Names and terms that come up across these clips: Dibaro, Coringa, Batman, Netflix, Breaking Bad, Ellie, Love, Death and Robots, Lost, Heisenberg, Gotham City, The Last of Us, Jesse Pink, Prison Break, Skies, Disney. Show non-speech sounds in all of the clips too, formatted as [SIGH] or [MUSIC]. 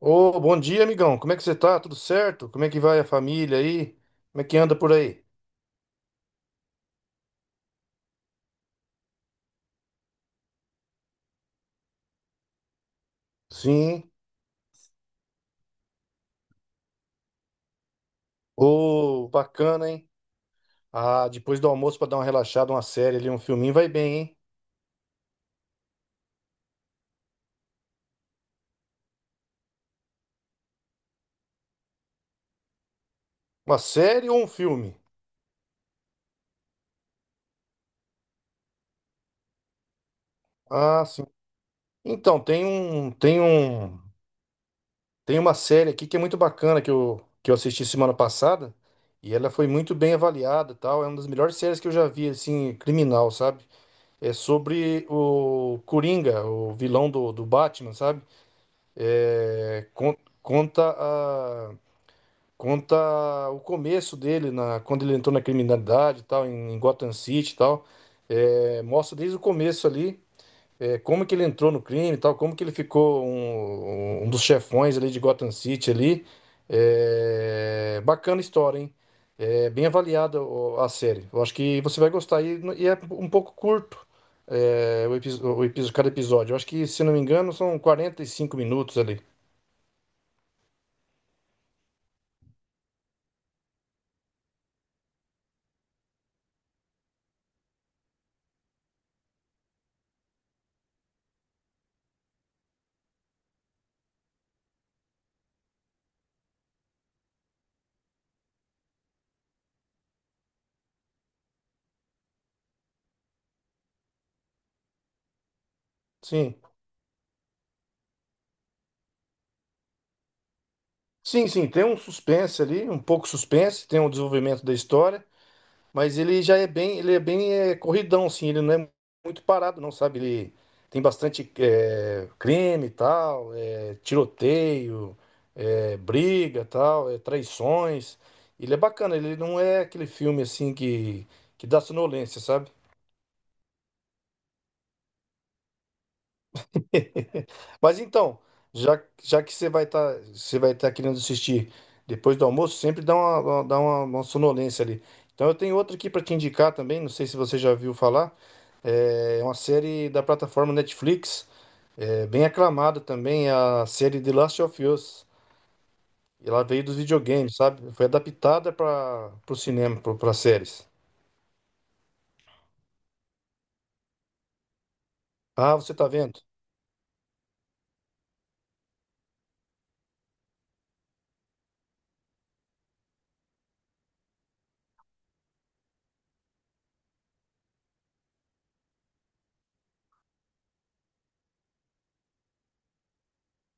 Ô, bom dia, amigão. Como é que você tá? Tudo certo? Como é que vai a família aí? Como é que anda por aí? Sim. Ô, bacana, hein? Ah, depois do almoço pra dar uma relaxada, uma série ali, um filminho, vai bem, hein? Uma série ou um filme? Ah, sim. Então, tem uma série aqui que é muito bacana que eu assisti semana passada e ela foi muito bem avaliada, e tal. É uma das melhores séries que eu já vi, assim, criminal, sabe? É sobre o Coringa, o vilão do Batman, sabe? É, con- conta a- Conta o começo dele na quando ele entrou na criminalidade e tal em Gotham City e tal. É, mostra desde o começo ali, é, como que ele entrou no crime e tal, como que ele ficou um dos chefões ali de Gotham City ali. É, bacana a história, hein? É bem avaliada a série, eu acho que você vai gostar, e é um pouco curto. É, o, cada episódio, eu acho que, se não me engano, são 45 minutos ali. Sim, sim, tem um suspense ali, um pouco suspense, tem um desenvolvimento da história, mas ele já é bem, ele é bem é, corridão, assim, ele não é muito parado, não, sabe? Ele tem bastante é, crime e tal, é, tiroteio, é, briga e tal, é, traições. Ele é bacana, ele não é aquele filme assim que dá sonolência, sabe? [LAUGHS] Mas então, já que você vai estar, você vai estar querendo assistir depois do almoço, sempre dá uma sonolência ali. Então eu tenho outra aqui para te indicar também, não sei se você já viu falar. É uma série da plataforma Netflix, é, bem aclamada também, é a série The Last of Us. Ela veio dos videogames, sabe? Foi adaptada para o cinema, para séries. Ah, você tá vendo?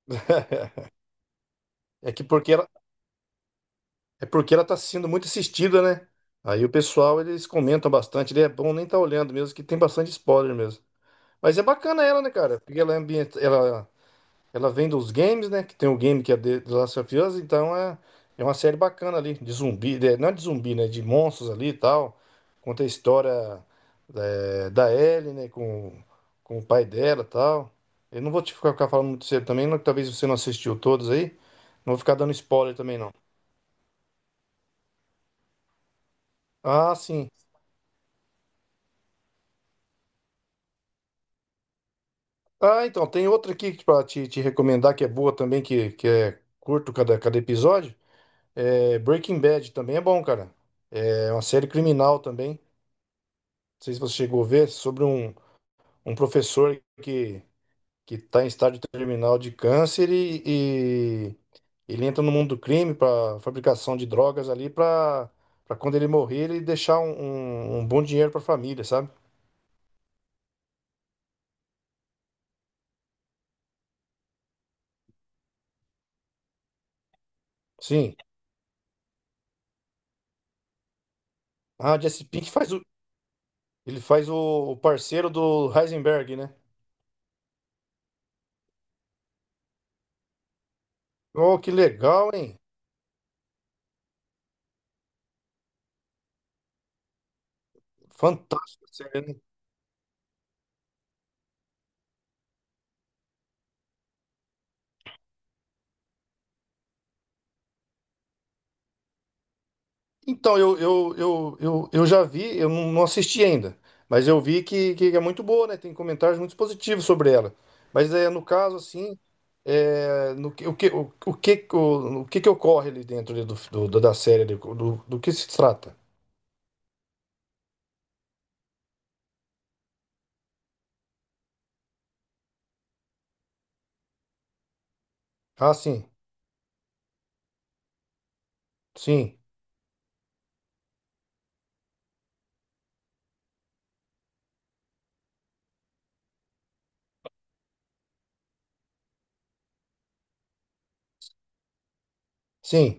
[LAUGHS] É que porque ela, É porque ela está sendo muito assistida, né? Aí o pessoal, eles comentam bastante, daí é bom nem estar olhando mesmo, que tem bastante spoiler mesmo. Mas é bacana ela, né, cara? Porque ela é ambiente, ela vem dos games, né? Que tem o game que é The Last of Us, então é, é uma série bacana ali, de zumbi, de- não é de zumbi, né? De monstros ali e tal. Conta a história é, da Ellie, né? Com o pai dela e tal. Eu não vou te ficar falando muito cedo também, não, que talvez você não assistiu todos aí. Não vou ficar dando spoiler também, não. Ah, sim. Ah, então, tem outra aqui para te recomendar que é boa também, que é curto cada episódio. É, Breaking Bad também é bom, cara. É uma série criminal também. Não sei se você chegou a ver, sobre um, um professor que tá em estágio terminal de câncer e ele entra no mundo do crime para fabricação de drogas ali para quando ele morrer ele deixar um bom dinheiro para a família, sabe? Sim. Ah, Jesse Pink faz o, ele faz o parceiro do Heisenberg, né? Oh, que legal, hein? Fantástico, sério, né? Então, eu já vi, eu não assisti ainda, mas eu vi que é muito boa, né? Tem comentários muito positivos sobre ela. Mas é, no caso, assim, é, no, o que que ocorre ali dentro ali da série, ali, do que se trata? Ah, sim, sim,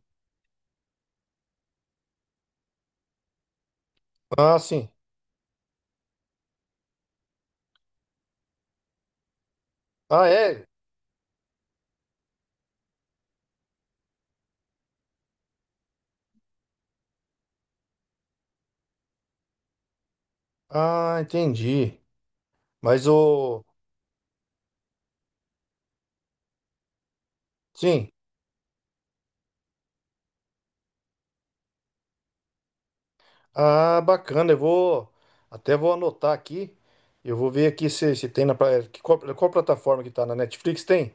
ah, sim. Ah, é? Ah, entendi. Mas o... Sim. Ah, bacana. Eu vou até vou anotar aqui. Eu vou ver aqui se, se tem na qual plataforma que tá, na Netflix tem?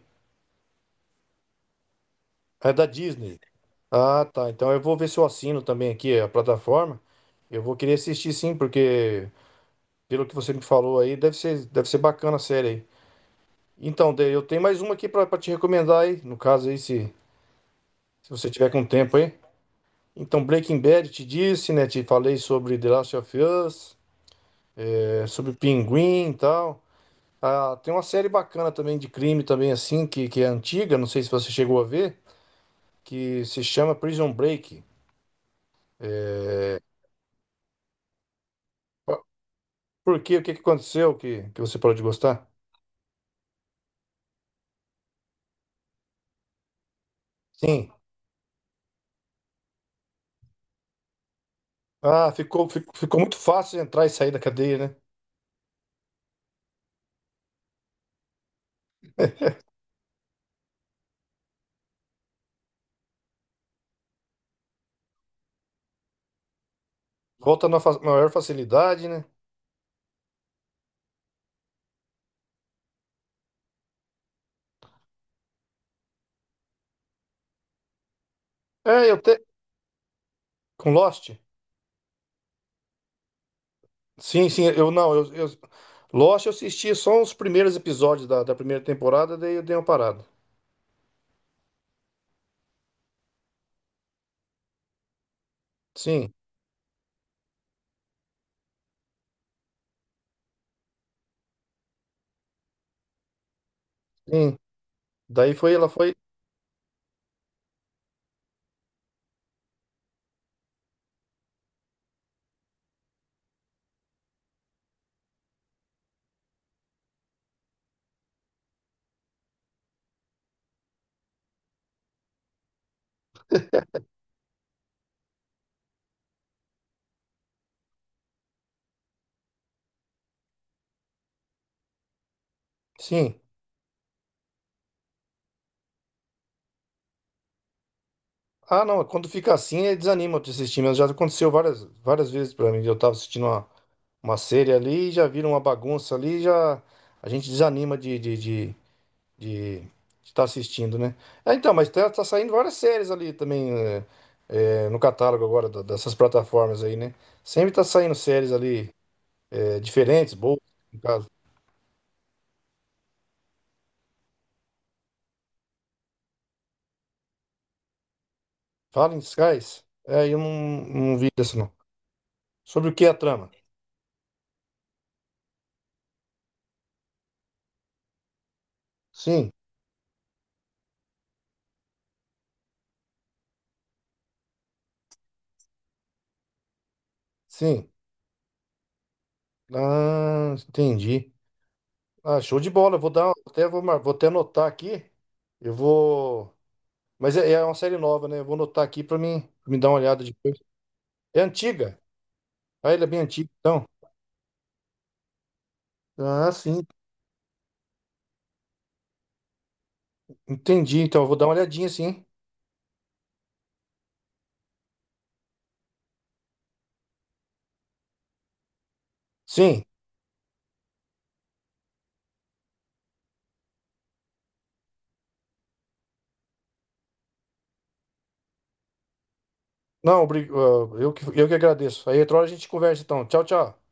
É da Disney. Ah, tá. Então eu vou ver se eu assino também aqui a plataforma. Eu vou querer assistir, sim, porque pelo que você me falou aí, deve ser bacana a série aí. Então, daí eu tenho mais uma aqui pra te recomendar aí, no caso aí, se você tiver com tempo aí. Então, Breaking Bad, te disse, né? Te falei sobre The Last of Us, é, sobre Pinguim e tal. Ah, tem uma série bacana também de crime também, assim, que é antiga, não sei se você chegou a ver, que se chama Prison Break. Ah, por quê? O que que aconteceu que você parou de gostar? Sim. Ah, ficou muito fácil de entrar e sair da cadeia, né? Volta na fa- maior facilidade, né? É, eu te... Com Lost? Sim, sim, eu não, eu... Lost eu assisti só os primeiros episódios da, da primeira temporada, daí eu dei uma parada. Sim, sim. Daí foi, ela foi... Sim. Ah, não, quando fica assim, desanima de assistir, mas já aconteceu várias vezes pra mim. Eu tava assistindo uma série ali, já vira uma bagunça ali, já a gente desanima de estar assistindo, né? Ah, então, mas tá, tá saindo várias séries ali também no catálogo agora dessas plataformas aí, né? Sempre tá saindo séries ali diferentes, boas, no caso. Fala em Skies? É, eu não, não vi dessa, não. Sobre o que é a trama? Sim, sim. Ah, entendi. Ah, show de bola. Eu vou dar, até vou, mar- vou até anotar aqui. Eu vou. Mas é, é uma série nova, né? Eu vou anotar aqui pra mim me dar uma olhada depois. É antiga? Ah, ele é bem antigo, então. Ah, sim. Entendi. Então, eu vou dar uma olhadinha, sim. Sim. Não, ah, eu que agradeço. Aí outra hora a gente conversa, então. Tchau, tchau.